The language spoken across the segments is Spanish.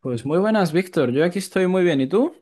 Pues muy buenas, Víctor. Yo aquí estoy muy bien. ¿Y tú?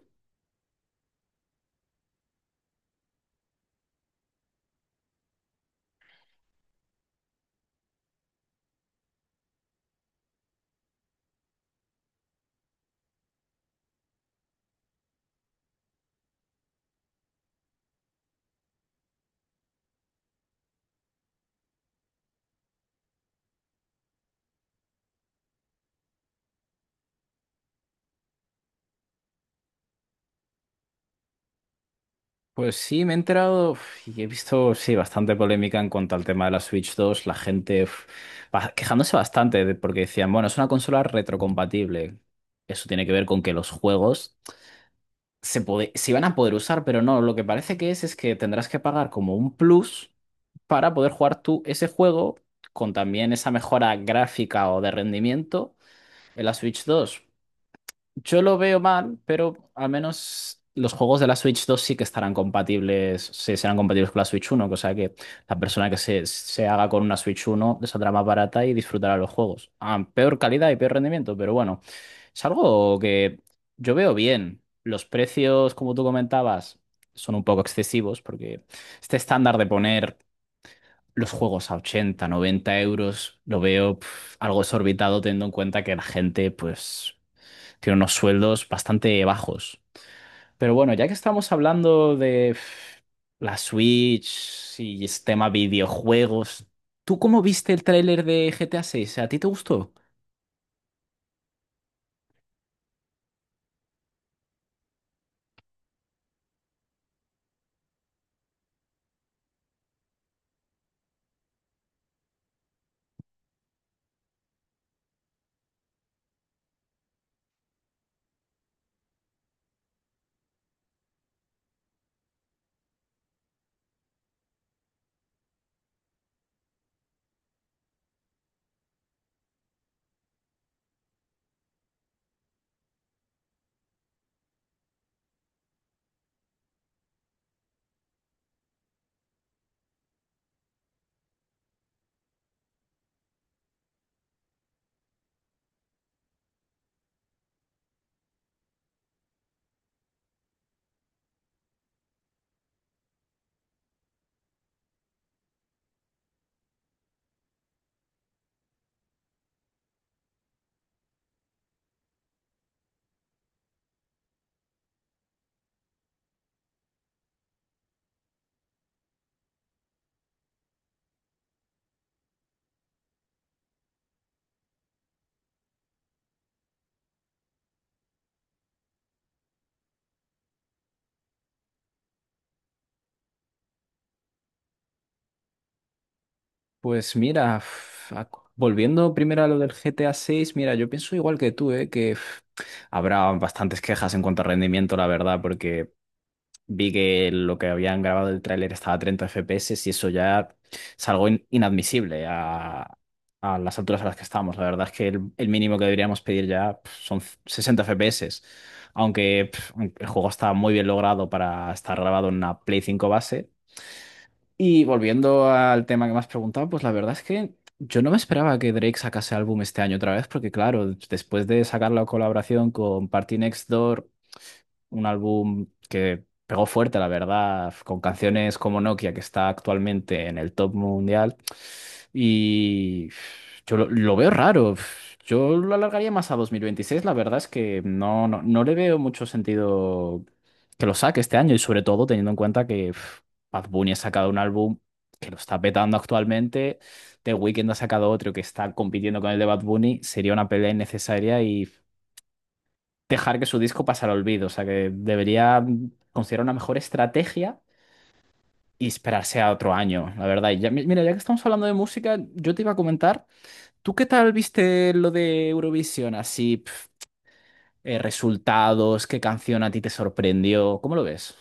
Pues sí, me he enterado y he visto, sí, bastante polémica en cuanto al tema de la Switch 2. La gente quejándose bastante porque decían, bueno, es una consola retrocompatible. Eso tiene que ver con que los juegos se iban a poder usar, pero no. Lo que parece que es que tendrás que pagar como un plus para poder jugar tú ese juego con también esa mejora gráfica o de rendimiento en la Switch 2. Yo lo veo mal, pero al menos los juegos de la Switch 2 sí que estarán compatibles, sí, serán compatibles con la Switch 1, cosa que la persona que se haga con una Switch 1 les saldrá más barata y disfrutará los juegos. A peor calidad y peor rendimiento, pero bueno, es algo que yo veo bien. Los precios, como tú comentabas, son un poco excesivos porque este estándar de poner los juegos a 80, 90 euros, lo veo algo exorbitado teniendo en cuenta que la gente, pues tiene unos sueldos bastante bajos. Pero bueno, ya que estamos hablando de la Switch y este tema videojuegos, ¿tú cómo viste el tráiler de GTA 6? ¿A seis? ¿A ti te gustó? Pues mira, volviendo primero a lo del GTA 6, mira, yo pienso igual que tú, ¿eh? Que habrá bastantes quejas en cuanto a rendimiento, la verdad, porque vi que lo que habían grabado del tráiler estaba a 30 FPS y eso ya es algo inadmisible a las alturas a las que estamos. La verdad es que el mínimo que deberíamos pedir ya son 60 FPS. Aunque el juego está muy bien logrado para estar grabado en una Play 5 base. Y volviendo al tema que me has preguntado, pues la verdad es que yo no me esperaba que Drake sacase álbum este año otra vez, porque claro, después de sacar la colaboración con Party Next Door, un álbum que pegó fuerte, la verdad, con canciones como Nokia, que está actualmente en el top mundial. Y yo lo veo raro. Yo lo alargaría más a 2026. La verdad es que no, no, no le veo mucho sentido que lo saque este año y sobre todo teniendo en cuenta que Bad Bunny ha sacado un álbum que lo está petando actualmente. The Weeknd ha sacado otro que está compitiendo con el de Bad Bunny. Sería una pelea innecesaria y dejar que su disco pasara al olvido. O sea que debería considerar una mejor estrategia y esperarse a otro año, la verdad. Y ya, mira, ya que estamos hablando de música, yo te iba a comentar, ¿tú qué tal viste lo de Eurovisión? Así, resultados, qué canción a ti te sorprendió, ¿cómo lo ves?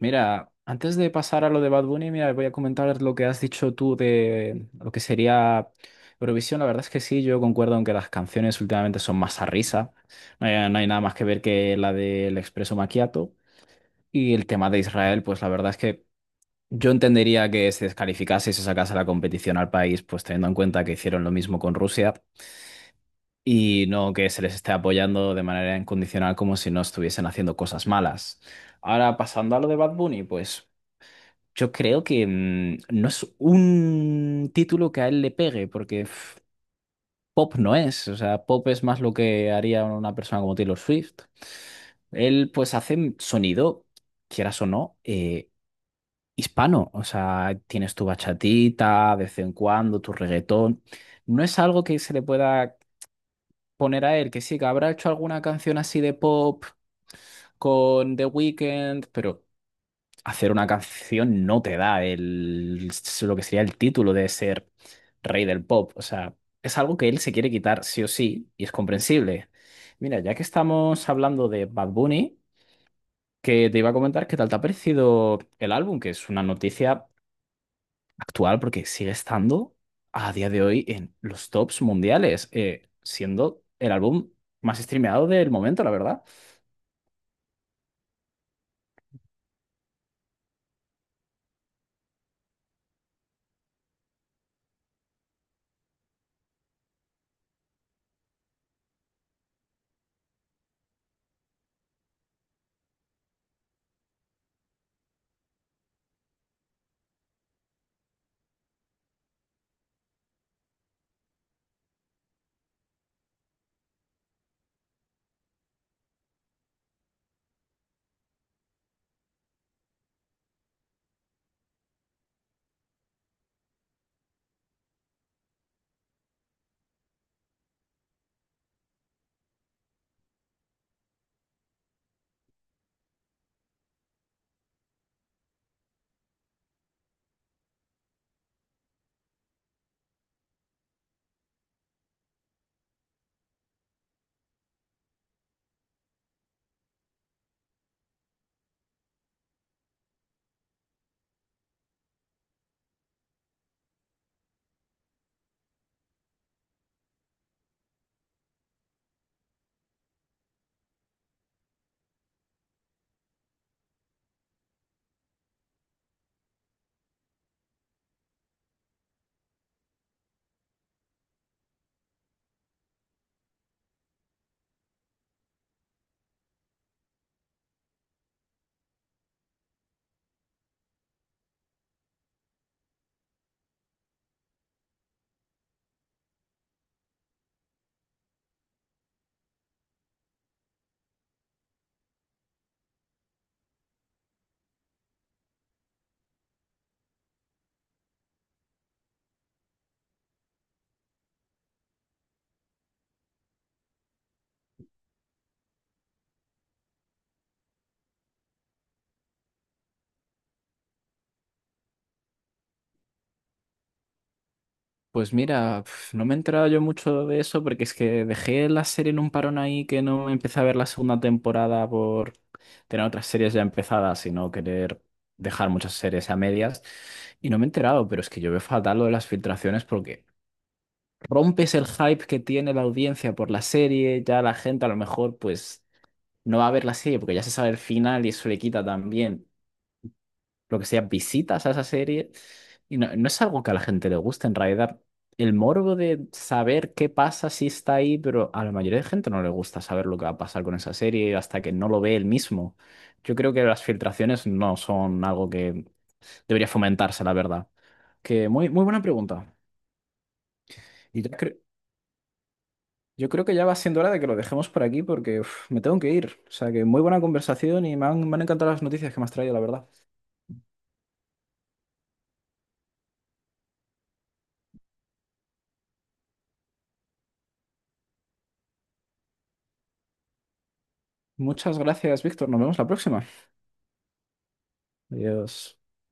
Mira, antes de pasar a lo de Bad Bunny, mira, voy a comentar lo que has dicho tú de lo que sería Eurovisión. La verdad es que sí, yo concuerdo en que las canciones últimamente son más a risa. No hay nada más que ver que la del Expreso Macchiato. Y el tema de Israel, pues la verdad es que yo entendería que se descalificase y se sacase la competición al país, pues teniendo en cuenta que hicieron lo mismo con Rusia y no que se les esté apoyando de manera incondicional como si no estuviesen haciendo cosas malas. Ahora, pasando a lo de Bad Bunny, pues. Yo creo que no es un título que a él le pegue, porque pop no es, o sea, pop es más lo que haría una persona como Taylor Swift. Él pues hace sonido, quieras o no, hispano, o sea, tienes tu bachatita de vez en cuando, tu reggaetón. No es algo que se le pueda poner a él, que sí, que habrá hecho alguna canción así de pop con The Weeknd, pero... hacer una canción no te da lo que sería el título de ser rey del pop. O sea, es algo que él se quiere quitar sí o sí y es comprensible. Mira, ya que estamos hablando de Bad Bunny, que te iba a comentar qué tal te ha parecido el álbum, que es una noticia actual porque sigue estando a día de hoy en los tops mundiales, siendo el álbum más streameado del momento, la verdad. Pues mira, no me he enterado yo mucho de eso porque es que dejé la serie en un parón ahí que no empecé a ver la segunda temporada por tener otras series ya empezadas y no querer dejar muchas series a medias. Y no me he enterado, pero es que yo veo fatal lo de las filtraciones porque rompes el hype que tiene la audiencia por la serie, ya la gente a lo mejor pues no va a ver la serie porque ya se sabe el final y eso le quita también lo que sea, visitas a esa serie. Y no, no es algo que a la gente le guste, en realidad. El morbo de saber qué pasa si está ahí, pero a la mayoría de gente no le gusta saber lo que va a pasar con esa serie hasta que no lo ve él mismo. Yo creo que las filtraciones no son algo que debería fomentarse, la verdad. Que muy, muy buena pregunta. Y ya yo creo que ya va siendo hora de que lo dejemos por aquí porque me tengo que ir. O sea que muy buena conversación y me han encantado las noticias que me has traído, la verdad. Muchas gracias, Víctor. Nos vemos la próxima. Adiós.